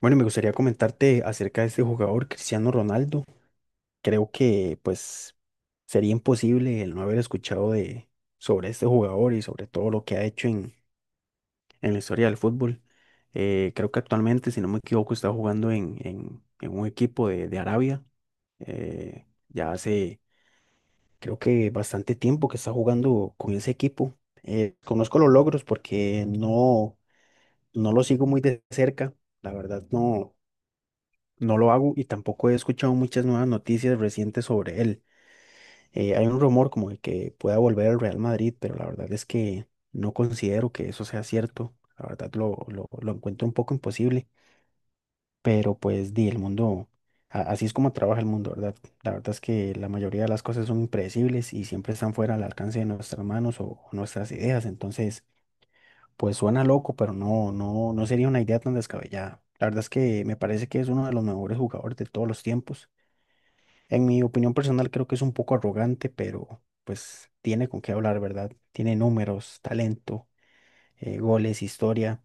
Bueno, me gustaría comentarte acerca de este jugador, Cristiano Ronaldo. Creo que pues sería imposible el no haber escuchado de sobre este jugador y sobre todo lo que ha hecho en la historia del fútbol. Creo que actualmente, si no me equivoco, está jugando en un equipo de Arabia. Ya hace creo que bastante tiempo que está jugando con ese equipo. Conozco los logros porque no lo sigo muy de cerca. La verdad, no. No lo hago y tampoco he escuchado muchas nuevas noticias recientes sobre él. Hay un rumor como de que pueda volver al Real Madrid, pero la verdad es que no considero que eso sea cierto. La verdad lo encuentro un poco imposible, pero pues di, el mundo, así es como trabaja el mundo, ¿verdad? La verdad es que la mayoría de las cosas son impredecibles y siempre están fuera del alcance de nuestras manos o nuestras ideas. Entonces, pues suena loco, pero no, no, no sería una idea tan descabellada. La verdad es que me parece que es uno de los mejores jugadores de todos los tiempos. En mi opinión personal creo que es un poco arrogante, pero pues tiene con qué hablar, ¿verdad? Tiene números, talento, goles, historia.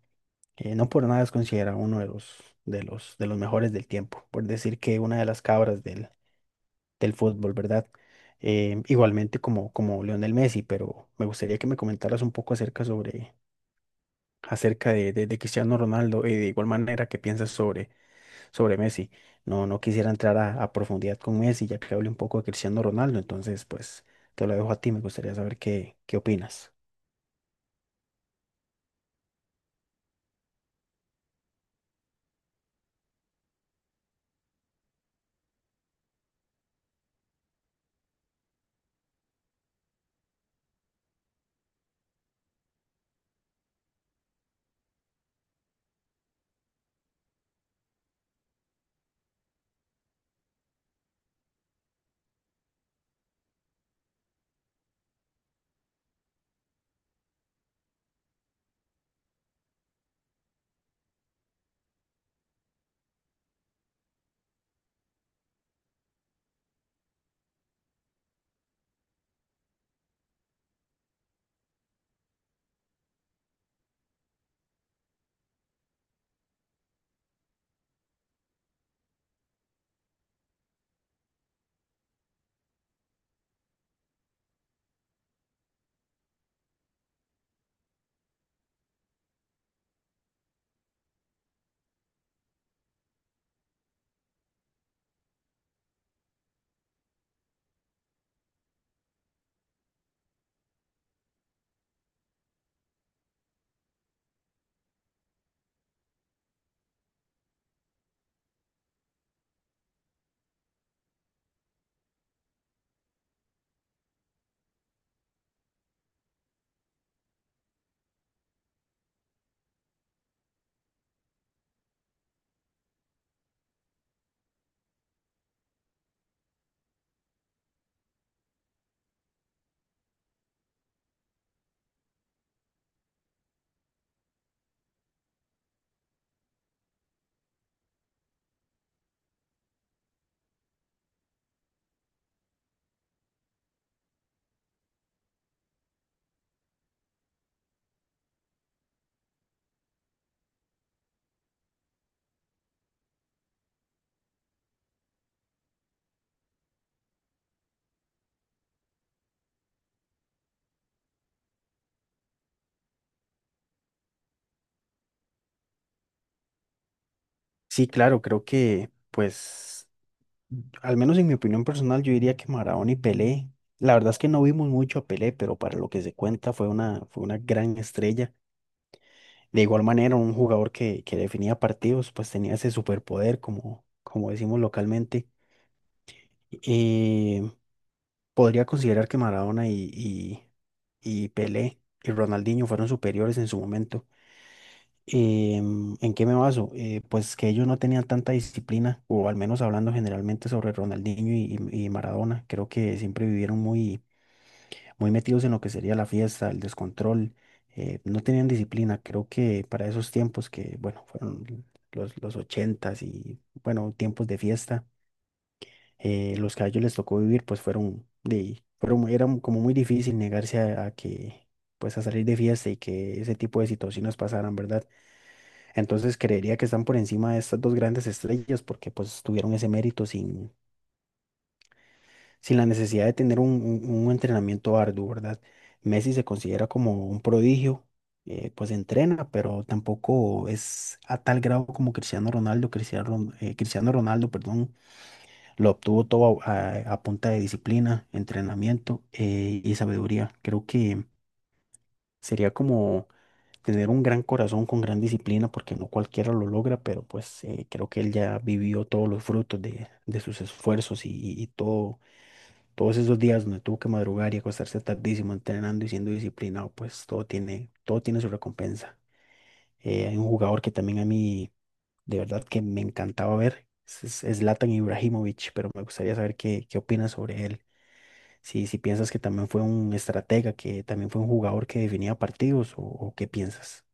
No por nada es considerado uno de los mejores del tiempo, por decir que una de las cabras del fútbol, ¿verdad? Igualmente como, como Lionel Messi, pero me gustaría que me comentaras un poco acerca sobre, acerca de Cristiano Ronaldo y de igual manera que piensas sobre sobre Messi. No, no quisiera entrar a profundidad con Messi, ya que hablé un poco de Cristiano Ronaldo, entonces pues te lo dejo a ti, me gustaría saber qué, qué opinas. Sí, claro, creo que pues, al menos en mi opinión personal, yo diría que Maradona y Pelé, la verdad es que no vimos mucho a Pelé, pero para lo que se cuenta fue una gran estrella. De igual manera, un jugador que definía partidos, pues tenía ese superpoder, como, como decimos localmente. Eh, Podría considerar que Maradona y Pelé y Ronaldinho fueron superiores en su momento. ¿En qué me baso? Pues que ellos no tenían tanta disciplina, o al menos hablando generalmente sobre Ronaldinho y Maradona, creo que siempre vivieron muy, muy metidos en lo que sería la fiesta, el descontrol, no tenían disciplina. Creo que para esos tiempos que, bueno, fueron los ochentas y, bueno, tiempos de fiesta los que a ellos les tocó vivir, pues fueron, era como muy difícil negarse a que, pues a salir de fiesta y que ese tipo de situaciones pasaran, ¿verdad? Entonces creería que están por encima de estas dos grandes estrellas porque pues tuvieron ese mérito sin, sin la necesidad de tener un entrenamiento arduo, ¿verdad? Messi se considera como un prodigio. Pues entrena, pero tampoco es a tal grado como Cristiano Ronaldo, Cristiano Ronaldo, perdón, lo obtuvo todo a punta de disciplina, entrenamiento y sabiduría. Creo que sería como tener un gran corazón con gran disciplina, porque no cualquiera lo logra, pero pues creo que él ya vivió todos los frutos de sus esfuerzos y todos esos días donde tuvo que madrugar y acostarse tardísimo entrenando y siendo disciplinado, pues todo tiene su recompensa. Hay un jugador que también a mí, de verdad, que me encantaba ver. Es Zlatan Ibrahimovic, pero me gustaría saber qué, qué opinas sobre él. Si, si piensas que también fue un estratega, que también fue un jugador que definía partidos, o qué piensas.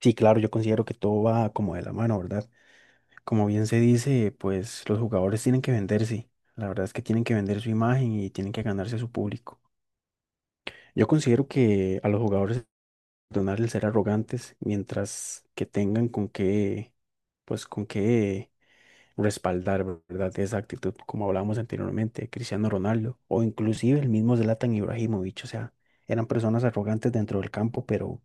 Sí, claro, yo considero que todo va como de la mano, ¿verdad? Como bien se dice, pues los jugadores tienen que venderse. La verdad es que tienen que vender su imagen y tienen que ganarse a su público. Yo considero que a los jugadores perdonar el ser arrogantes mientras que tengan con qué, pues con qué respaldar, ¿verdad? Esa actitud, como hablábamos anteriormente, Cristiano Ronaldo o inclusive el mismo Zlatan Ibrahimovic, o sea, eran personas arrogantes dentro del campo,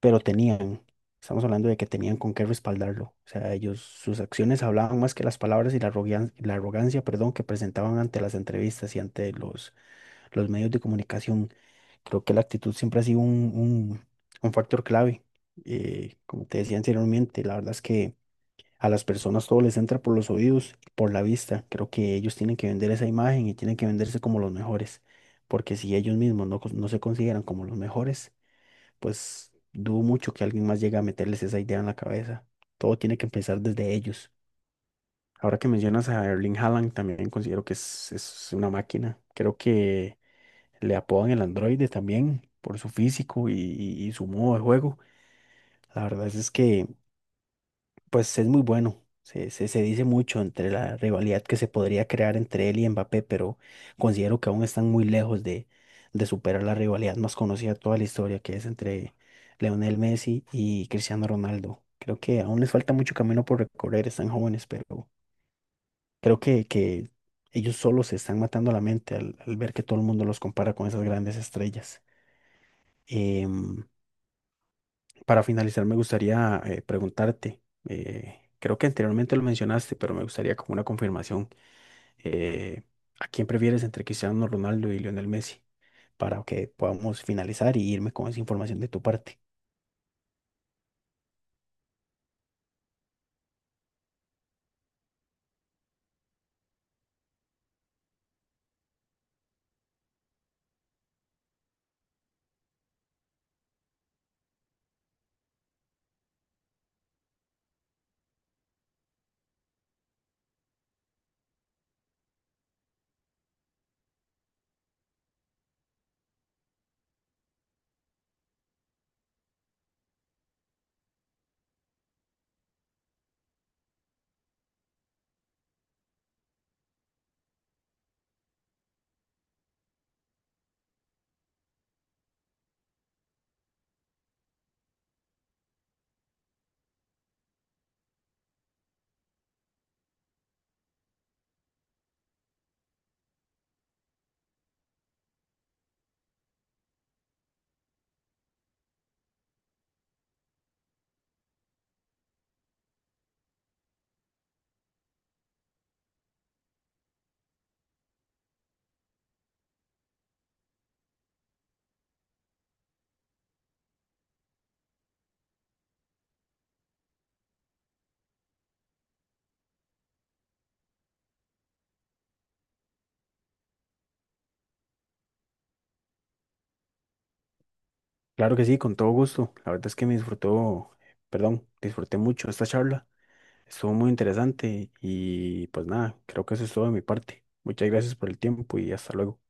pero tenían, estamos hablando de que tenían con qué respaldarlo, o sea, ellos, sus acciones hablaban más que las palabras y la arrogancia, perdón, que presentaban ante las entrevistas y ante los medios de comunicación. Creo que la actitud siempre ha sido un factor clave. Como te decía anteriormente, la verdad es que a las personas todo les entra por los oídos, por la vista. Creo que ellos tienen que vender esa imagen y tienen que venderse como los mejores, porque si ellos mismos no se consideran como los mejores, pues dudo mucho que alguien más llegue a meterles esa idea en la cabeza. Todo tiene que empezar desde ellos. Ahora que mencionas a Erling Haaland, también considero que es una máquina. Creo que le apodan el androide también por su físico y su modo de juego. La verdad es que pues es muy bueno. Se dice mucho entre la rivalidad que se podría crear entre él y Mbappé, pero considero que aún están muy lejos de superar la rivalidad más conocida de toda la historia, que es entre Leonel Messi y Cristiano Ronaldo. Creo que aún les falta mucho camino por recorrer, están jóvenes, pero creo que ellos solo se están matando la mente al ver que todo el mundo los compara con esas grandes estrellas. Em, Para finalizar, me gustaría preguntarte, creo que anteriormente lo mencionaste, pero me gustaría como una confirmación, eh, ¿a quién prefieres entre Cristiano Ronaldo y Lionel Messi? Para que podamos finalizar y irme con esa información de tu parte. Claro que sí, con todo gusto. La verdad es que perdón, disfruté mucho esta charla. Estuvo muy interesante y pues nada, creo que eso es todo de mi parte. Muchas gracias por el tiempo y hasta luego.